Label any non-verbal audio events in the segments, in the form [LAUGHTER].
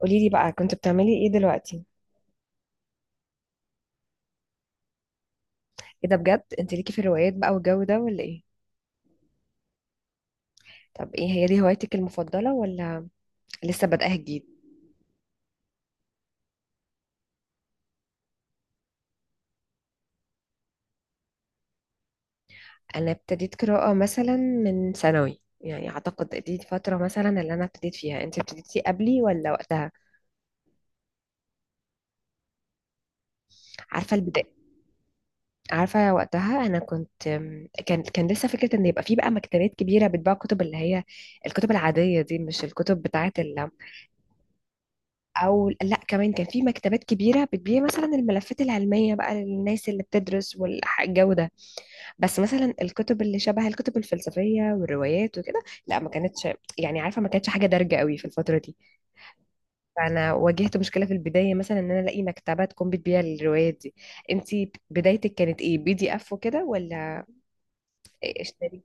قولي لي بقى كنت بتعملي ايه دلوقتي؟ ايه ده بجد، انت ليكي في الروايات بقى والجو ده ولا ايه؟ طب ايه هي دي هوايتك المفضلة ولا لسه بدأها جديد؟ انا ابتديت قراءة مثلا من ثانوي، يعني اعتقد دي فترة مثلا اللي انا ابتديت فيها. انت ابتديتي قبلي ولا وقتها؟ عارفة البداية. عارفة وقتها انا كنت كان لسه فكرة ان يبقى في بقى مكتبات كبيرة بتباع كتب، اللي هي الكتب العادية دي، مش الكتب بتاعة. او لا، كمان كان في مكتبات كبيره بتبيع مثلا الملفات العلميه بقى للناس اللي بتدرس والجو ده. بس مثلا الكتب اللي شبه الكتب الفلسفيه والروايات وكده، لا ما كانتش، يعني عارفه ما كانتش حاجه دارجه قوي في الفتره دي. فانا واجهت مشكله في البدايه، مثلا ان انا الاقي مكتبه تكون بتبيع الروايات دي. انت بدايتك كانت ايه؟ بي دي اف وكده ولا اشتري؟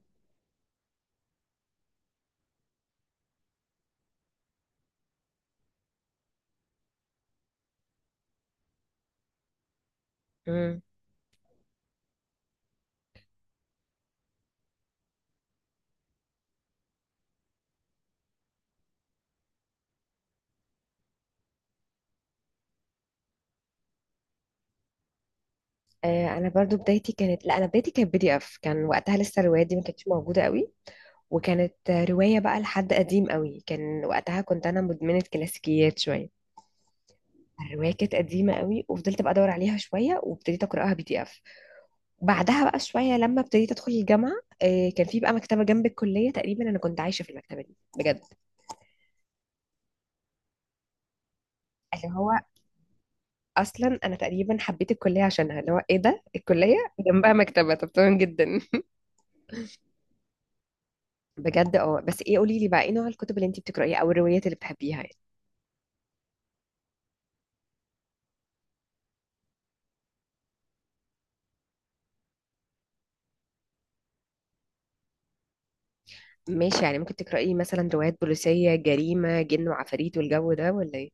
امم. انا برضو بدايتي كانت، لا انا بدايتي كانت بي دي اف. كان وقتها لسه الروايات دي ما كانتش موجوده قوي، وكانت رواية بقى لحد قديم قوي، كان وقتها كنت أنا مدمنة كلاسيكيات شوية. الرواية كانت قديمة قوي وفضلت بقى أدور عليها شوية وابتديت أقرأها بي دي إف. بعدها بقى شوية لما ابتديت أدخل الجامعة، كان في بقى مكتبة جنب الكلية، تقريبا أنا كنت عايشة في المكتبة دي بجد. اللي هو أصلا أنا تقريبا حبيت الكلية عشانها، اللي هو إيه ده، الكلية جنبها مكتبة، طب تمام جدا. [LAUGHS] بجد اه، بس إيه، قولي لي بقى إيه نوع الكتب اللي أنت بتقرأيها أو الروايات اللي بتحبيها؟ ماشي، يعني ممكن تقرأي مثلا روايات بوليسية، جريمة، جن وعفاريت والجو ده ولا ايه؟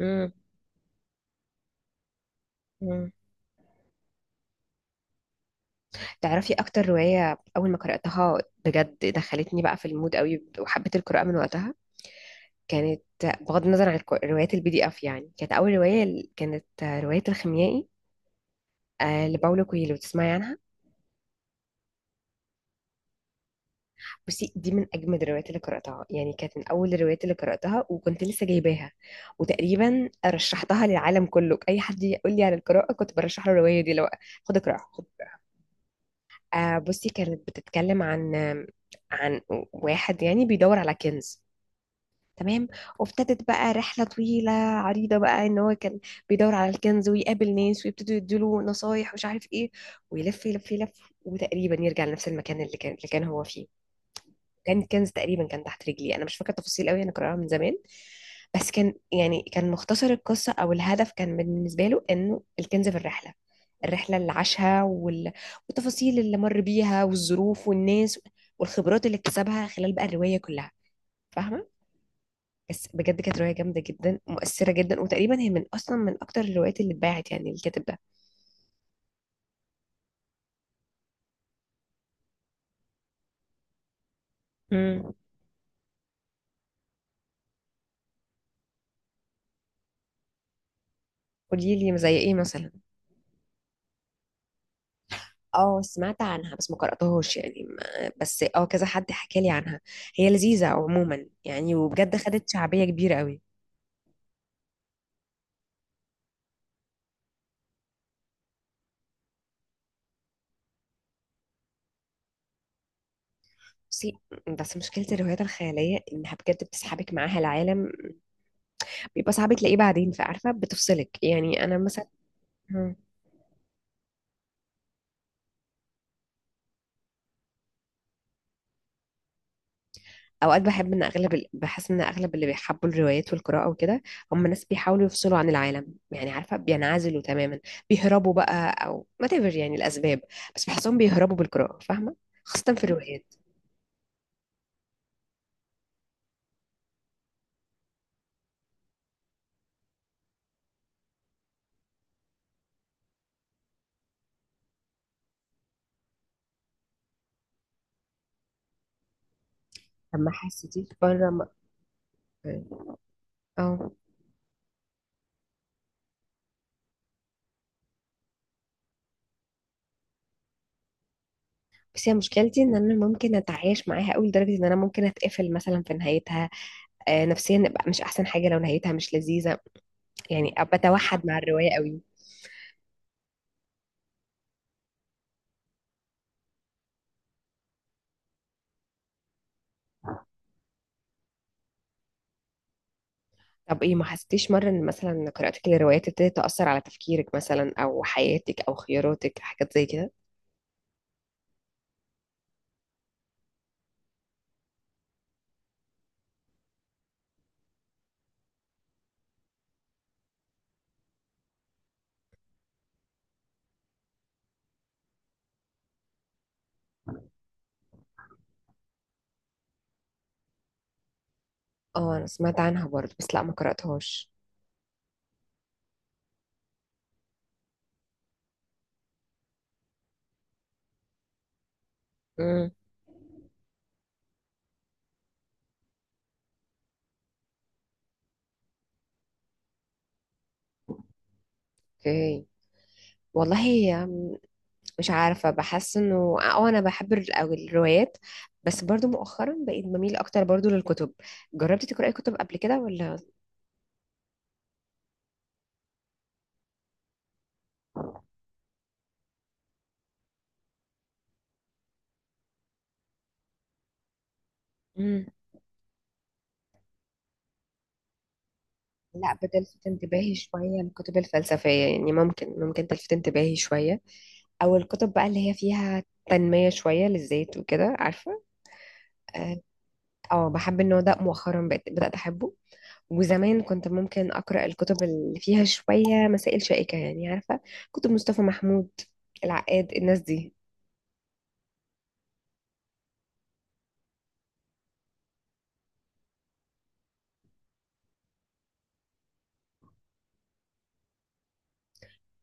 امم. امم. تعرفي اكتر رواية اول ما قرأتها بجد دخلتني بقى في المود قوي وحبيت القراءة من وقتها؟ كانت، بغض النظر عن روايات البي دي اف، يعني كانت اول رواية كانت رواية الخيميائي، لباولو كويلو. تسمعي عنها؟ بصي دي من اجمد الروايات اللي قراتها، يعني كانت من اول الروايات اللي قراتها وكنت لسه جايباها، وتقريبا رشحتها للعالم كله. اي حد يقول لي على القراءه كنت برشح له الروايه دي، لو خد اقراها خد اقراها. بصي كانت بتتكلم عن واحد يعني بيدور على كنز، تمام؟ وابتدت بقى رحلة طويلة عريضة بقى ان هو كان بيدور على الكنز ويقابل ناس ويبتدوا يديله نصايح ومش عارف ايه، ويلف يلف يلف وتقريبا يرجع لنفس المكان اللي كان هو فيه. كان كنز تقريبا كان تحت رجلي، انا مش فاكره التفاصيل قوي، انا قراها من زمان. بس كان يعني كان مختصر القصه او الهدف كان بالنسبه له انه الكنز في الرحله، الرحله اللي عاشها والتفاصيل اللي مر بيها والظروف والناس والخبرات اللي اكتسبها خلال بقى الروايه كلها. فاهمه؟ بس بجد كانت روايه جامده جدا، مؤثره جدا، وتقريبا هي من اصلا من اكتر الروايات اللي اتباعت يعني الكاتب ده. امم. قولي لي زي ايه مثلا. اه، سمعت عنها بس ما قرأتهاش يعني، ما بس كذا حد حكى لي عنها، هي لذيذة عموما يعني، وبجد خدت شعبية كبيرة قوي. بصي، بس مشكلة الروايات الخيالية إنها بجد بتسحبك معاها العالم، بيبقى صعب تلاقيه بعدين، فعارفة بتفصلك، يعني أنا مثلا. مم. أوقات بحب إن أغلب بحس إن أغلب اللي بيحبوا الروايات والقراءة وكده هم ناس بيحاولوا يفصلوا عن العالم، يعني عارفة بينعزلوا تماما، بيهربوا بقى أو whatever، يعني الأسباب، بس بحسهم بيهربوا بالقراءة، فاهمة؟ خاصة في الروايات. طب ما حسيتيش بره م... اه بس هي مشكلتي ان انا ممكن اتعايش معاها قوي لدرجه ان انا ممكن اتقفل مثلا في نهايتها. نفسيا ابقى مش احسن حاجه لو نهايتها مش لذيذه، يعني ابقى بتوحد مع الروايه قوي. طب ايه، ما حسيتيش مره ان مثلا قراءتك للروايات ابتدت تاثر على تفكيرك مثلا او حياتك او خياراتك، حاجات زي كده؟ اه، انا سمعت عنها برضه بس لا ما قراتهاش. امم. اوكي. والله هي، مش عارفة، بحس انه انا بحب او الروايات، بس برضو مؤخرا بقيت بميل اكتر برضو للكتب. جربتي تقرأي كتب قبل كده ولا؟ مم. لا بتلفت انتباهي شوية الكتب الفلسفية، يعني ممكن تلفت انتباهي شوية، او الكتب بقى اللي هي فيها تنمية شوية للذات وكده، عارفة؟ اه. بحب النوع ده مؤخرا بقيت بدأت احبه، وزمان كنت ممكن أقرأ الكتب اللي فيها شوية مسائل شائكة، يعني عارفة، كتب مصطفى محمود، العقاد، الناس دي.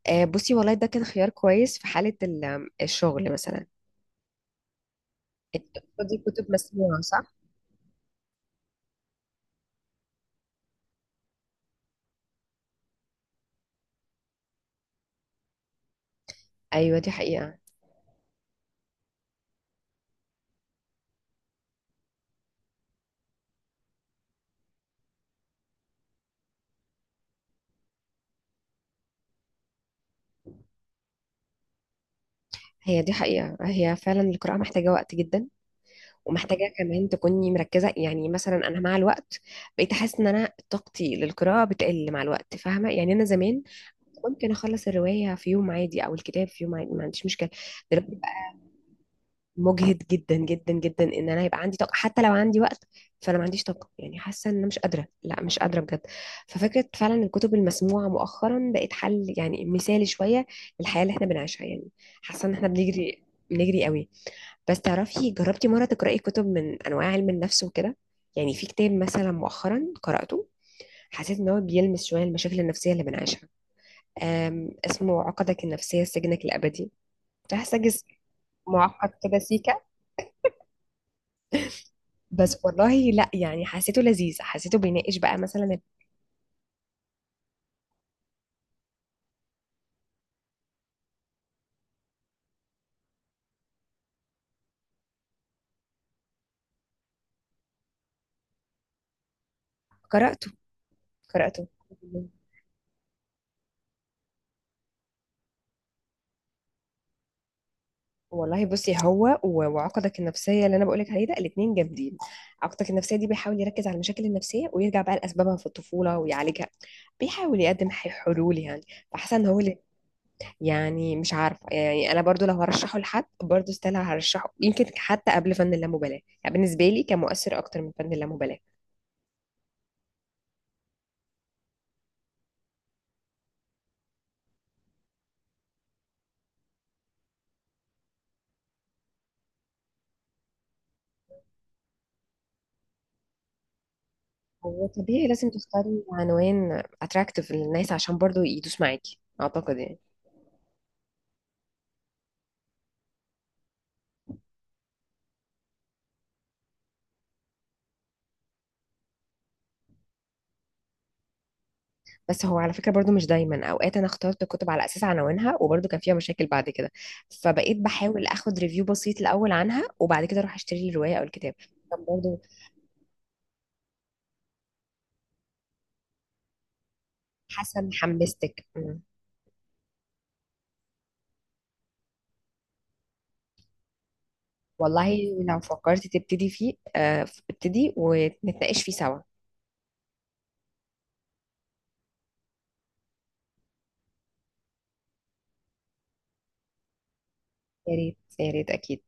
بصي والله ده كان خيار كويس في حالة الشغل مثلا. انت بتاخدي كتب مسموعة صح؟ ايوه دي حقيقة. هي دي حقيقة، هي فعلا القراءة محتاجة وقت جدا، ومحتاجة كمان تكوني مركزة، يعني مثلا أنا مع الوقت بقيت أحس إن أنا طاقتي للقراءة بتقل مع الوقت، فاهمة؟ يعني أنا زمان ممكن أخلص الرواية في يوم عادي أو الكتاب في يوم عادي، ما عنديش مشكلة. دلوقتي مجهد جدا جدا جدا ان انا هيبقى عندي طاقه، حتى لو عندي وقت فانا ما عنديش طاقه، يعني حاسه ان انا مش قادره، لا مش قادره بجد. ففكره فعلا الكتب المسموعه مؤخرا بقت حل يعني مثالي شويه للحياه اللي احنا بنعيشها، يعني حاسه ان احنا بنجري، بنجري قوي. بس تعرفي، جربتي مره تقراي كتب من انواع علم النفس وكده؟ يعني في كتاب مثلا مؤخرا قراته، حسيت ان هو بيلمس شويه المشاكل النفسيه اللي بنعيشها، اسمه عقدك النفسيه سجنك الابدي. فحاسه جزء معقد كده سيكا. بس والله لا، يعني حسيته لذيذ، حسيته بيناقش بقى مثلا. قرأته، قرأته. والله بصي، هو وعقدك النفسية اللي أنا بقولك عليه ده، الاتنين جامدين. عقدك النفسية دي بيحاول يركز على المشاكل النفسية ويرجع بقى لأسبابها في الطفولة ويعالجها، بيحاول يقدم حلول يعني. فحاسة إن هو يعني مش عارفة، يعني أنا برضو لو هرشحه لحد برضو ستيل هرشحه، يمكن حتى قبل فن اللامبالاة. يعني بالنسبة لي كان مؤثر أكتر من فن اللامبالاة. هو طبيعي لازم تختاري عنوان اتراكتيف للناس عشان برضو يدوس معاكي اعتقد يعني. بس هو على فكره برضو مش دايما، اوقات انا اخترت كتب على اساس عناوينها وبرضو كان فيها مشاكل بعد كده، فبقيت بحاول اخد ريفيو بسيط الاول عنها وبعد كده اروح اشتري الروايه او الكتاب. طب برضو، حسن حمستك. مم. والله لو فكرت تبتدي فيه ابتدي ونتناقش فيه سوا. يا ريت يا ريت، اكيد.